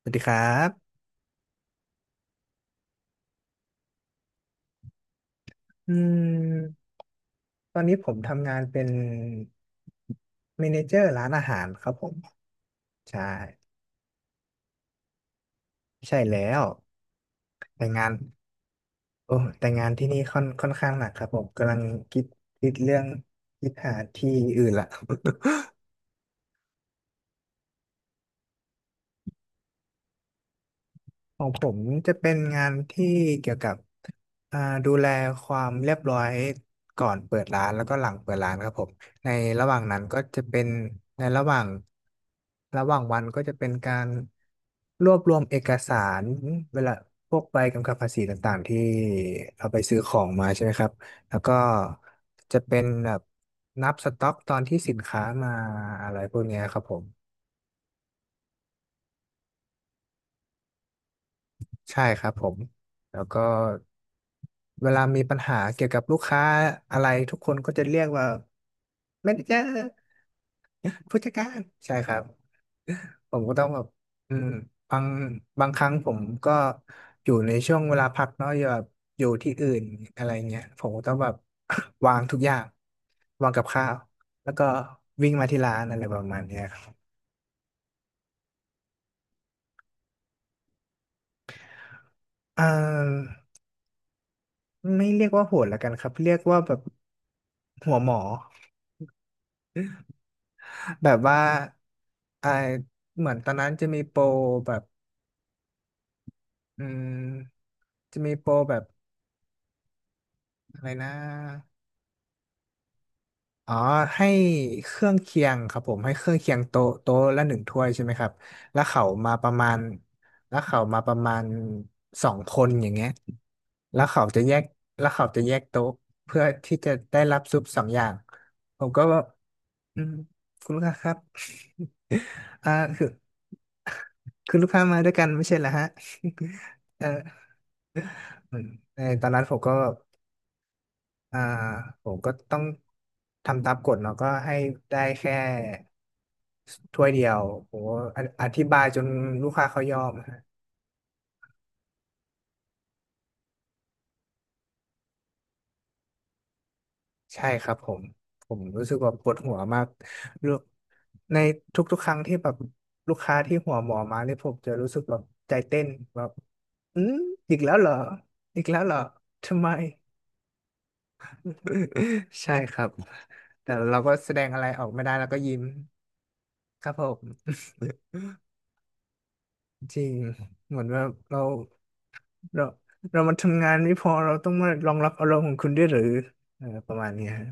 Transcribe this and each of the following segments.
สวัสดีครับอืมตอนนี้ผมทำงานเป็นเมเนเจอร์ร้านอาหารครับผมใช่ใช่แล้ว แต่งานโอ้แต่งานที่นี่ค่อนข้างหนักครับผมกำลังคิดคิดเรื่องคิดหาที่อื่นละ ของผมจะเป็นงานที่เกี่ยวกับอ่าดูแลความเรียบร้อยก่อนเปิดร้านแล้วก็หลังเปิดร้านครับผม ในระหว่างนั้นก็จะเป็นในระหว่างวันก็จะเป็นการ รวบรวมเอกสารเวลาพวกใบกำกับภาษีต่างๆที่เราไปซื้อของมาใช่ไหมครับแล้วก็จะเป็นแบบนับสต็อกตอนที่สินค้ามาอะไรพวกเนี้ยครับผม ใช่ครับผม แล้วก็เวลามีปัญหาเกี่ยวกับลูกค้าอะไรทุกคนก็จะเรียกว่าแม่ไเจอร์ผู้จัดการใช่ครับ ผมก็ต้องแบบอืมบางบางครั้งผมก็อยู่ในช่วงเวลาพักเนาะอย่าแบบอยู่ที่อื่นอะไรเงี้ยผมก็ต้องแบบ วางทุกอย่างวางกับข้าวแล้วก็วิ่งมาที่ร้านอะไรประมาณเนี้ยครับอ่าไม่เรียกว่าโหดละกันครับเรียกว่าแบบหัวหมอ แบบว่าอ่าเหมือนตอนนั้นจะมีโปรแบบอืมจะมีโปรแบบอะไรนะ อ๋อให้เครื่องเคียงครับผมให้เครื่องเคียงโต๊ะละหนึ่งถ้วยใช่ไหมครับแล้วเขามาประมาณแล้วเขามาประมาณสองคนอย่างเงี้ยแล้วเขาจะแยกแล้วเขาจะแยกโต๊ะเพื่อที่จะได้รับซุปสองอย่างผมก็ว่าอืมคุณลูกค้าครับ อ่าคือคือลูกค้ามาด้วยกันไม่ใช่เหรอฮะ เออเออตอนนั้นผมก็ อ่าผมก็ต้องทำตามกฎเนาะก็ให้ได้แค่ถ้วยเดียวโหออธิบายจนลูกค้าเขายอมฮะใช่ครับผมผมรู้สึกว่าปวดหัวมากลูกในทุกๆครั้งที่แบบลูกค้าที่หัวหมอมาเนี่ยผมจะรู้สึกแบบใจเต้นแบบอืมอีกแล้วเหรออีกแล้วเหรอทำไม ใช่ครับแต่เราก็แสดงอะไรออกไม่ได้แล้วก็ยิ้มครับผม จริงเหมือนว่าเรา เราเรามาทำงานไม่พอเราต้องมารองรับอารมณ์ของคุณด้วยหรือเออประมาณเนี้ยฮะ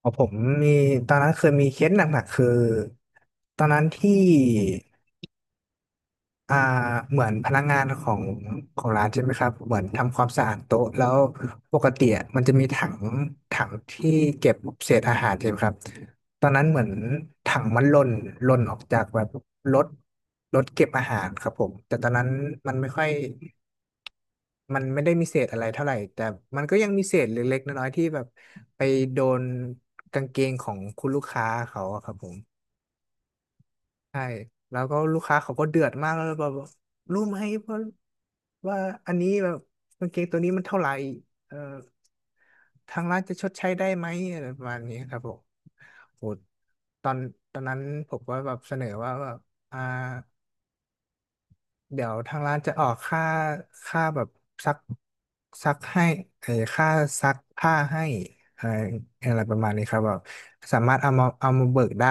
พอผมมีตอนนั้นเคยมีเคสหนักๆคือตอนนั้นที่อ่าเหมือนพนักงานของร้านใช่ไหมครับเหมือนทำความสะอาดโต๊ะแล้วปกติอะมันจะมีถังที่เก็บเศษอาหารใช่ไหมครับตอนนั้นเหมือนถังมันหล่นออกจากแบบรถรถเก็บอาหารครับผมแต่ตอนนั้นมันไม่ค่อย มันไม่ได้มีเศษอะไรเท่าไหร่แต่มันก็ยังมีเศษเล็กๆน้อยๆที่แบบไปโดนกางเกงของคุณลูกค้าเขาอะครับผมใช่แล้วก็ลูกค้าเขาก็เดือดมากแล้วแบบว่ารู้ไหมว่าว่าอันนี้แบบกางเกงตัวนี้มันเท่าไหร่เออทางร้านจะชดใช้ได้ไหมอะไรประมาณนี้ครับผมโหตอนตอนนั้นผมก็แบบเสนอว่าแบบอ่า เดี๋ยวทางร้านจะออกค่าค่าแบบซักซักให้เออค่าซักผ้าให้เอออะไรประมาณนี้ครับแบบสามารถเอามาเบิกได้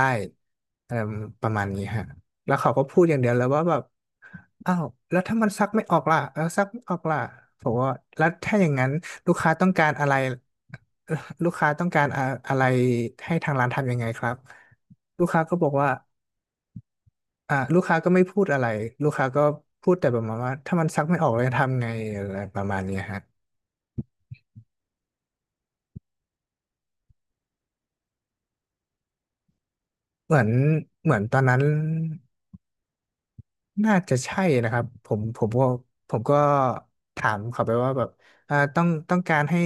เออประมาณนี้ฮะแล้วเขาก็พูดอย่างเดียวเลยว่าแบบอ้าวแล้วถ้ามันซักไม่ออกล่ะแล้วซักไม่ออกล่ะผมว่าแล้วถ้าอย่างนั้นลูกค้าต้องการอะไรลูกค้าต้องการอะอะไรให้ทางร้านทำยังไงครับลูกค้าก็บอกว่า อ่ะลูกค้าก็ไม่พูดอะไรลูกค้าก็พูดแต่ประมาณว่าถ้ามันซักไม่ออกเลยทำไงอะไรประมาณเนี้ยฮะเหมือนเหมือนตอนนั้นน่าจะใช่นะครับผมก็ถามเขาไปว่าแบบต้องการให้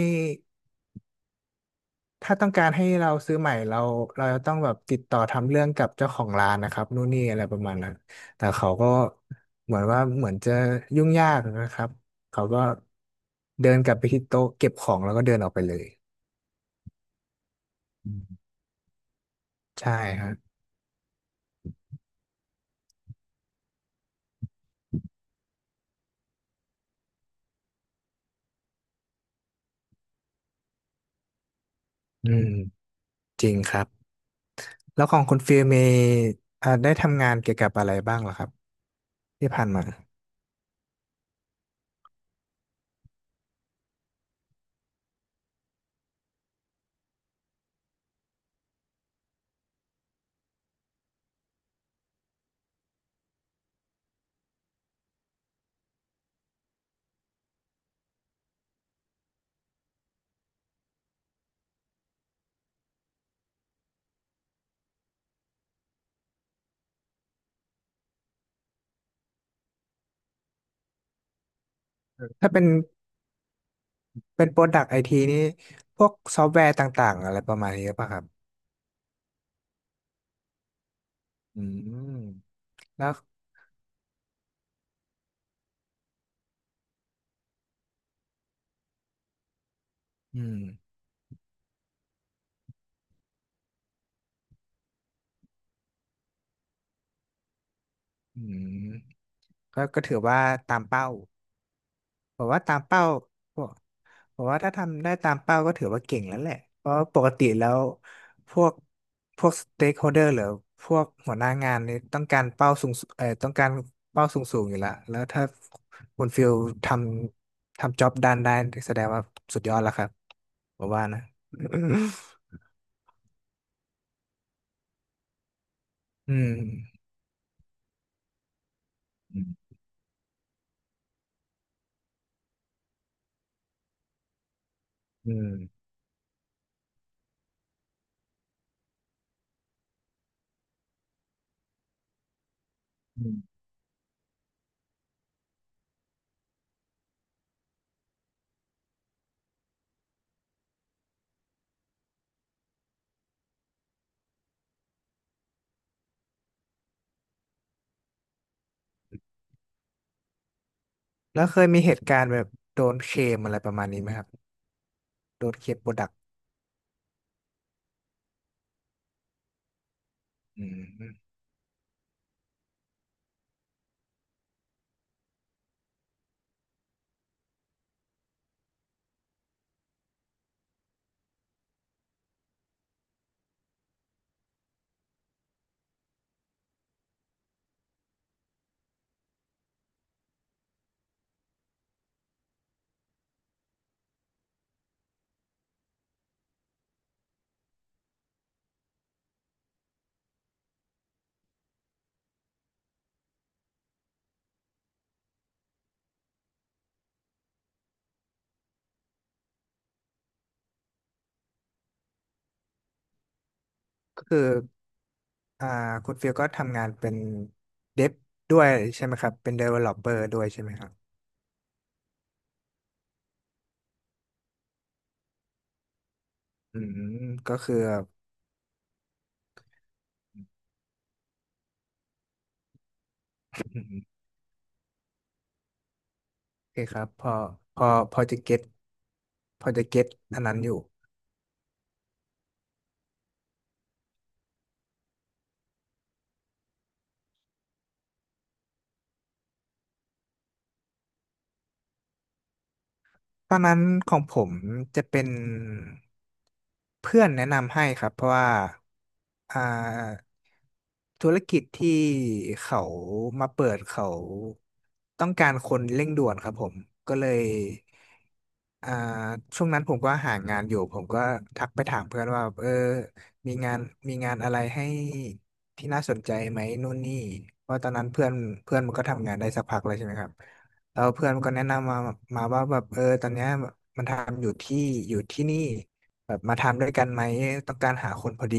ถ้าต้องการให้เราซื้อใหม่เราจะต้องแบบติดต่อทำเรื่องกับเจ้าของร้านนะครับนู่นนี่อะไรประมาณนั้นแต่เขาก็เหมือนจะยุ่งยากนะครับเขาก็เดินกลับไปที่โต๊ะเก็บของแล้วก็เดินออกไปเลย ใช่ครับอืมจริงครับ แล้วของคุณฟิลมีได้ทำงานเกี่ยวกับอะไรบ้างเหรอครับที่ผ่านมา ถ้าเป็นโปรดักต์ไอทีนี่พวกซอฟต์แวร์ต่างๆอะไรประมาณนี้หรือเปล่ะครับอืมแล้วอืมอืมก็ถือว่าตามเป้าบอกว่าตามเป้า ผมว่าถ้าทำได้ตามเป้าก็ถือว่าเก่งแล้วแหละ เพราะปกติแล้วพวกพวกสเต็กโฮเดอร์หรือพวกหัวหน้างานนี่ต้องการเป้าสูงต้องการเป้าสูงอยู่ละแล้วถ้าคุณฟิลททำจ็อบด้านได้แสดงว่าสุดยอดแล้วครับผมว่านะ อืมอืมอืมอืมแล้วเคยมีเหตุการณ์แบบโดนเคลมอะไรประมาณนี้ไหมครับโดนเคลมโปรดักต์อืมก็คือ อ่าคุณฟิลก็ทำงานเป็นเดฟด้วยใช่ไหมครับเป็น developer ด้วยใช่ไหมครับอืมก็คือ โอเคครับพอพอจะเก็ตพอจะเก็ตอันนั้นอยู่ ตอนนั้นของผมจะเป็นเพื่อนแนะนำให้ครับเพราะว่าอ่าธุรกิจที่เขามาเปิดเขาต้องการคนเร่งด่วนครับผมก็เลยอ่าช่วงนั้นผมก็หางานอยู่ผมก็ทักไปถามเพื่อนว่าเออมีงานมีงานอะไรให้ที่น่าสนใจไหมนู่นนี่เพราะตอนนั้นเพื่อนเพื่อนมันก็ทำงานได้สักพักแล้วใช่ไหมครับ แล้วเพื่อนก็แนะนำมาว่าแบบเออตอนเนี้ยมันทำอยู่ที่อยู่ที่นี่แบบมาทำด้วยกันไหมต้องการหาคนพอดี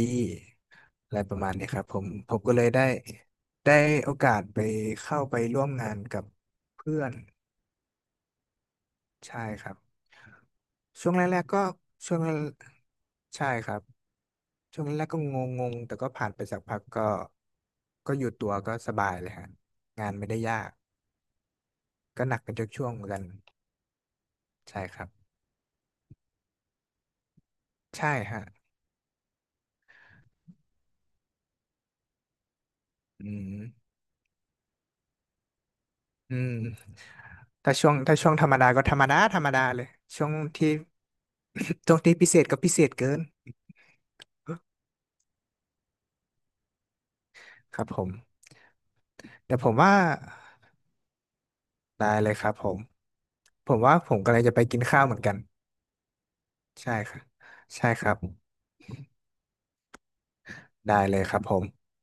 อะไรประมาณนี้ครับผมผมก็เลยได้ได้โอกาสไปเข้าไปร่วมงานกับเพื่อนใช่ครับช่วงแรกๆก็ช่วงแรกใช่ครับช่วงแรกๆก็งงๆแต่ก็ผ่านไปสักพักก็ก็อยู่ตัวก็สบายเลยฮะงานไม่ได้ยากก็หนักเป็นช่วงๆเหมือนกันใช่ครับใช่ฮะอืม อืมถ้าช่วงธรรมดาก็ธรรมดาเลยช่วงที่ ช่วงที่พิเศษก็พิเศษเกินครับผมแต่ผมว่าได้เลยครับผมผมว่าผมกำลังจะไปกินข้าวเหมือนกันใช่ครับใช่ครับได้เลยครับผม